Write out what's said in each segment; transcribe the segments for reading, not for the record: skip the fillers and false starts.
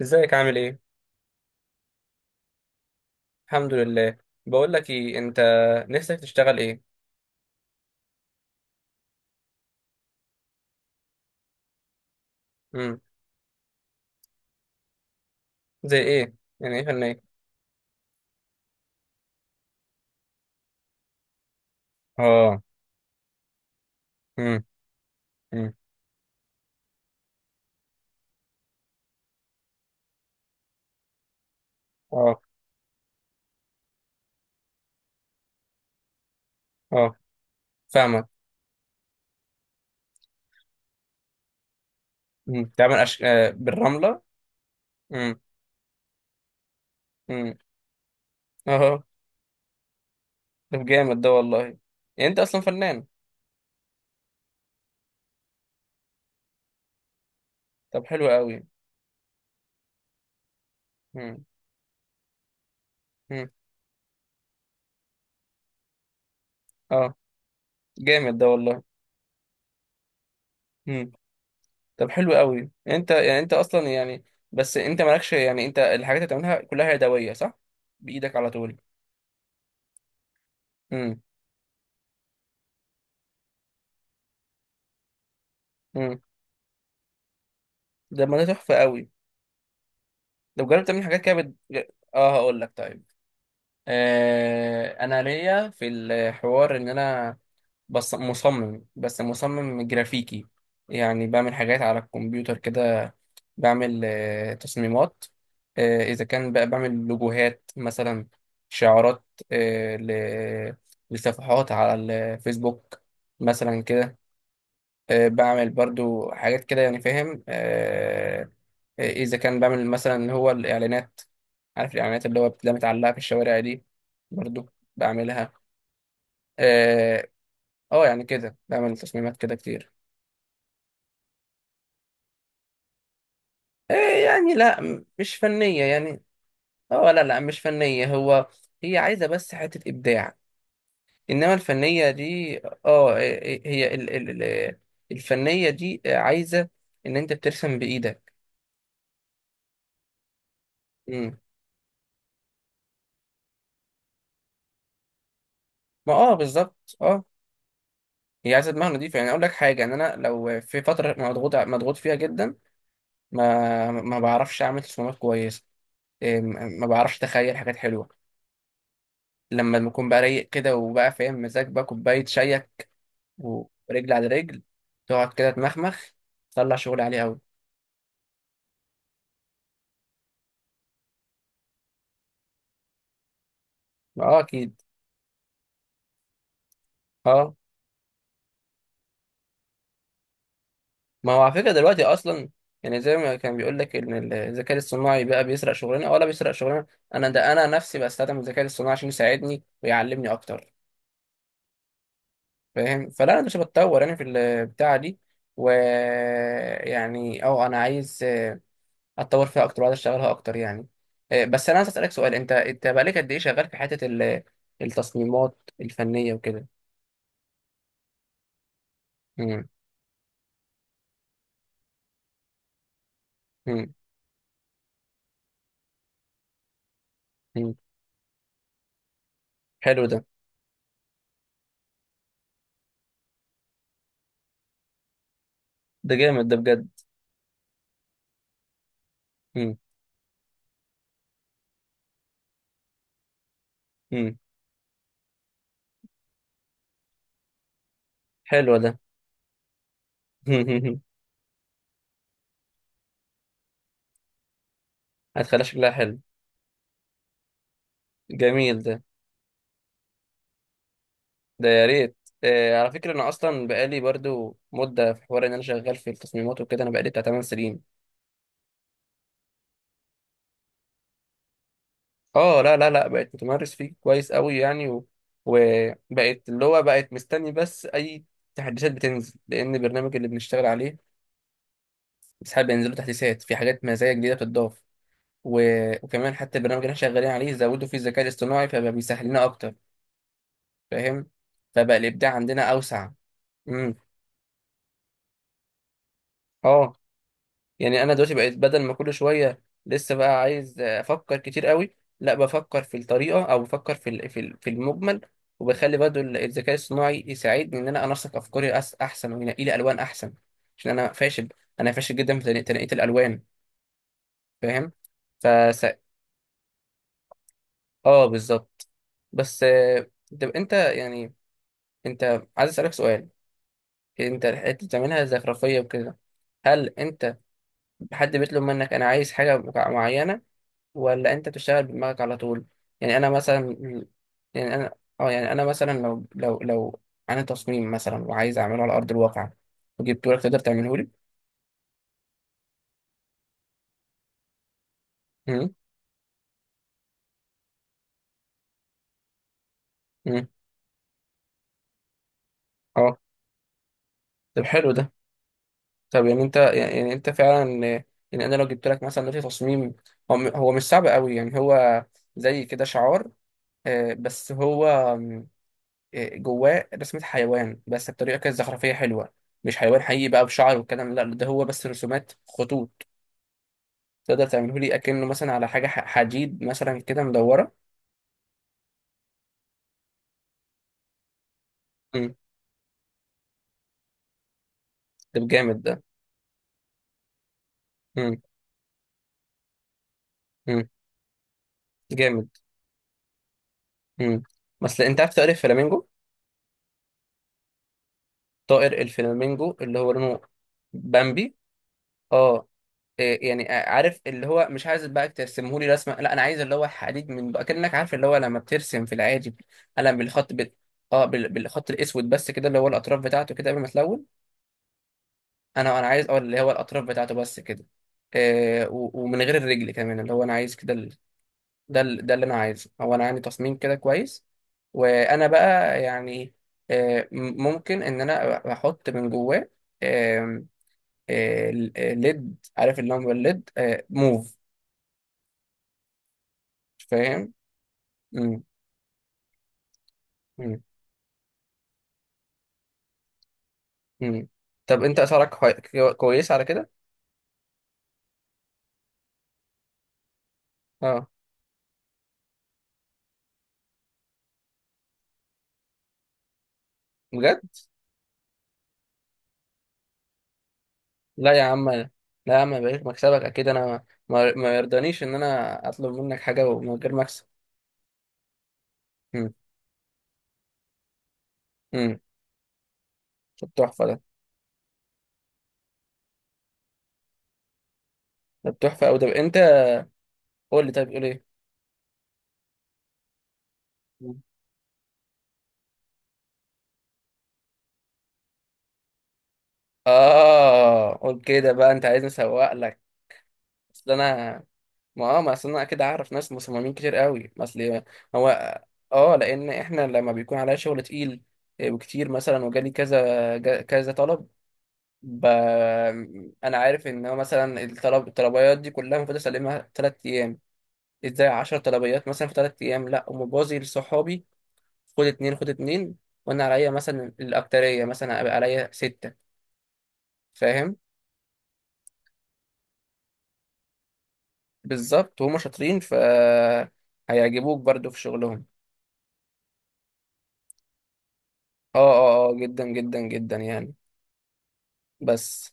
ازيك، عامل ايه؟ الحمد لله. بقول لك ايه انت، نفسك تشتغل ايه؟ امم زي ايه؟ يعني ايه فني؟ اه. امم. امم. اه اه. فاهمك. تعمل أش... آه بالرملة. امم. امم. اه. طب، جامد ده والله. يعني انت اصلا فنان. طب، حلو قوي. امم. امم. اه. جامد ده والله. امم. طب، حلو قوي. انت اصلا يعني، بس انت مالكش، يعني انت الحاجات اللي بتعملها كلها يدوية، صح؟ بايدك على طول؟ امم. امم. ده ما ده تحفة قوي. لو جربت تعمل حاجات كده بت... اه هقول لك، طيب. انا ليا في الحوار ان انا مصمم، بس مصمم جرافيكي. يعني بعمل حاجات على الكمبيوتر كده، بعمل تصميمات. اذا كان بقى بعمل لوجوهات مثلا، شعارات. آه ل... لصفحات على الفيسبوك مثلا كده. بعمل برضو حاجات كده، يعني فاهم. اذا كان بعمل مثلا اللي هو الاعلانات، عارف الاعلانات اللي هو بتبقى متعلقه في الشوارع دي؟ برضو بعملها. اه. يعني كده بعمل تصميمات كده كتير. آه، يعني لا، مش فنيه يعني. اه، لا لا، مش فنيه. هو هي عايزه بس حته ابداع، انما الفنيه دي هي الفنيه دي عايزه ان انت بترسم بايدك. مم. ما بالظبط، اه. هي عايزه دماغ نضيفه، يعني اقول لك حاجه، ان انا لو في فتره مضغوط مضغوط فيها جدا، ما بعرفش اعمل تصميمات كويسه. إيه، ما بعرفش اتخيل حاجات حلوه. لما بكون بقى رايق كده، وبقى فاهم مزاج، بقى كوبايه شايك ورجل على رجل، تقعد كده تمخمخ، تطلع شغل عليه قوي. اه، اكيد، اه. ما هو على فكره دلوقتي اصلا، يعني زي ما كان بيقول لك ان الذكاء الصناعي بقى بيسرق شغلنا ولا بيسرق شغلنا. انا نفسي بستخدم الذكاء الصناعي عشان يساعدني ويعلمني اكتر. فاهم؟ فلا، انا مش بتطور انا في البتاعه دي، ويعني انا عايز اتطور فيها اكتر، وعايز اشتغلها اكتر يعني. بس انا عايز اسالك سؤال. انت بقالك قد ايه شغال في حته التصميمات الفنيه وكده؟ مم. مم. مم. حلو ده. ده جامد ده بجد. مم. مم. حلو ده. هتخلي شكلها حلو. جميل ده. ده يا ريت. على فكره، انا اصلا بقالي برضو مده في حوار ان انا شغال في التصميمات وكده، انا بقالي بتاع 8 سنين. اه، لا لا لا، بقت متمرس فيه كويس قوي يعني، وبقت، اللي هو، بقت مستني بس اي تحديثات بتنزل، لان البرنامج اللي بنشتغل عليه ساعات بينزلوا تحديثات، في حاجات مزايا جديده بتضاف و... وكمان حتى البرنامج اللي احنا شغالين عليه زودوا فيه الذكاء الاصطناعي، فبقى بيسهل لنا اكتر. فاهم؟ فبقى الابداع عندنا اوسع. امم. اه. يعني انا دلوقتي بقيت، بدل ما كل شويه لسه بقى عايز افكر كتير قوي، لا بفكر في الطريقه او بفكر في المجمل، وبخلي برضه الذكاء الصناعي يساعدني ان انا انسق افكاري احسن، وينقي لي الوان احسن. عشان انا فاشل، انا فاشل جدا في تنقيه الالوان. فاهم؟ فس... اه، بالظبط. بس طب انت يعني، انت عايز اسالك سؤال. انت الحته بتعملها زخرفيه وكده، هل انت حد بيطلب منك انا عايز حاجه معينه، ولا انت بتشتغل بدماغك على طول؟ يعني انا مثلا، يعني انا، اه يعني انا مثلا لو انا تصميم مثلا وعايز اعمله على ارض الواقع، وجبته لك، تقدر تعمله لي؟ امم. امم. اه. طب، حلو ده. طب يعني انت، يعني انت فعلا، يعني انا لو جبت لك مثلا دلوقتي تصميم، هو مش صعب قوي يعني، هو زي كده شعار، بس هو آم، آه، جواه رسمة حيوان، بس بطريقة كده زخرفية حلوة. مش حيوان حقيقي بقى بشعر والكلام، لا ده هو بس رسومات خطوط. تقدر تعمله لي اكنه مثلا على حاجه حديد مثلا كده مدوره؟ امم. ده جامد ده. امم. امم. جامد. امم. بس انت عارف طائر الفلامينجو؟ طائر الفلامينجو اللي هو لونه بامبي. اه. إيه يعني، عارف، اللي هو مش عايز بقى ترسمه لي رسمه، لا، انا عايز اللي هو حديد من بقى، كانك عارف اللي هو لما بترسم في العادي قلم بالخط اه بالخط الاسود بس كده، اللي هو الاطراف بتاعته كده قبل ما تلون. انا عايز اللي هو الاطراف بتاعته بس كده، ومن غير الرجل كمان، اللي هو انا عايز كده. ده اللي انا عايزه. هو انا عندي تصميم كده كويس، وانا بقى يعني ممكن ان انا احط من جواه آم، آه، ال- آه، ليد، عارف اللي هو الليد موف. فاهم؟ مم. مم. مم. طب انت اسعارك كويسه على كده؟ اه، بجد؟ لا يا عم لا. يا عم بقيت مكسبك اكيد، انا ما يرضانيش ان انا اطلب منك حاجه ومن غير مكسب. مم. مم. طب، تحفه ده. طب تحفه، او ده انت قول لي طيب، قول ايه. اه، قول كده بقى، انت عايزني اسوق لك؟ اصل انا، ما ما اصل انا اكيد اعرف ناس مصممين كتير قوي، ما اصل هو، اه، لان احنا لما بيكون عليا شغل تقيل وكتير مثلا، وجالي كذا كذا طلب. ب... انا عارف ان هو مثلا الطلبيات دي كلها المفروض اسلمها 3 ايام. ازاي 10 طلبيات مثلا في 3 ايام؟ لا، ومبازي لصحابي. خد اتنين، خد اتنين. وانا عليا مثلا الاكتريه، مثلا هيبقى عليا سته. فاهم؟ بالظبط، وهم شاطرين، ف هيعجبوك برضو في شغلهم. اه اه اه، جدا جدا جدا يعني. بس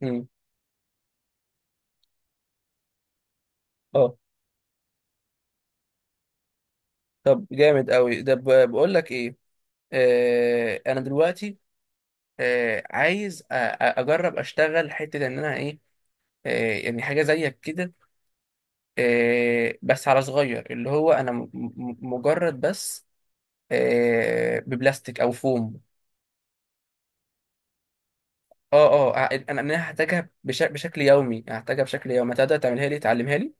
مم. اه. طب جامد قوي ده. بقول لك ايه، انا دلوقتي عايز اجرب اشتغل حته ان انا ايه، يعني حاجه زيك كده، بس على صغير، اللي هو انا مجرد بس ببلاستيك او فوم. اه اه، انا هحتاجها بشكل يومي، هحتاجها بشكل يومي، هتقدر تعملها لي، تعلمها لي؟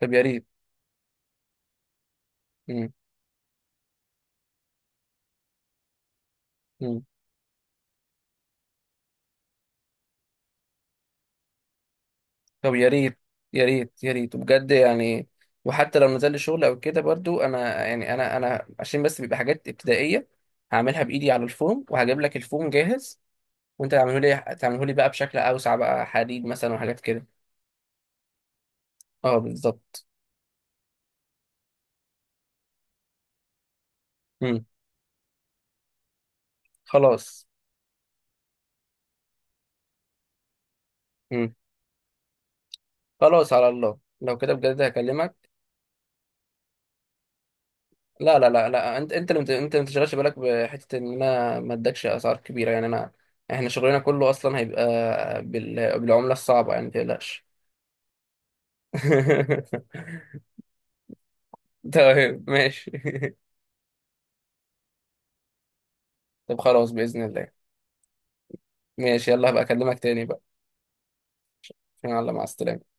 طب يا ريت. مم. مم. طب يا ريت، يا ريت، يا ريت، بجد يعني. وحتى لو نزل لي شغل او كده، برضو انا يعني انا عشان بس بيبقى حاجات ابتدائيه، هعملها بايدي على الفوم، وهجيب لك الفوم جاهز. وانت تعمله لي بقى بشكل اوسع، بقى حديد مثلا وحاجات كده. اه، بالظبط. مم. خلاص. مم. خلاص، على الله، لو كده بجد هكلمك. لا لا لا لا، انت اللي انت ما تشغلش بالك بحته ان انا ما ادكش اسعار كبيره، يعني انا احنا شغلنا كله اصلا هيبقى بالعمله الصعبه، يعني ما تقلقش. تمام، ماشي. طب خلاص، باذن الله. ماشي، يلا هبقى اكلمك تاني بقى. يلا، مع السلامه.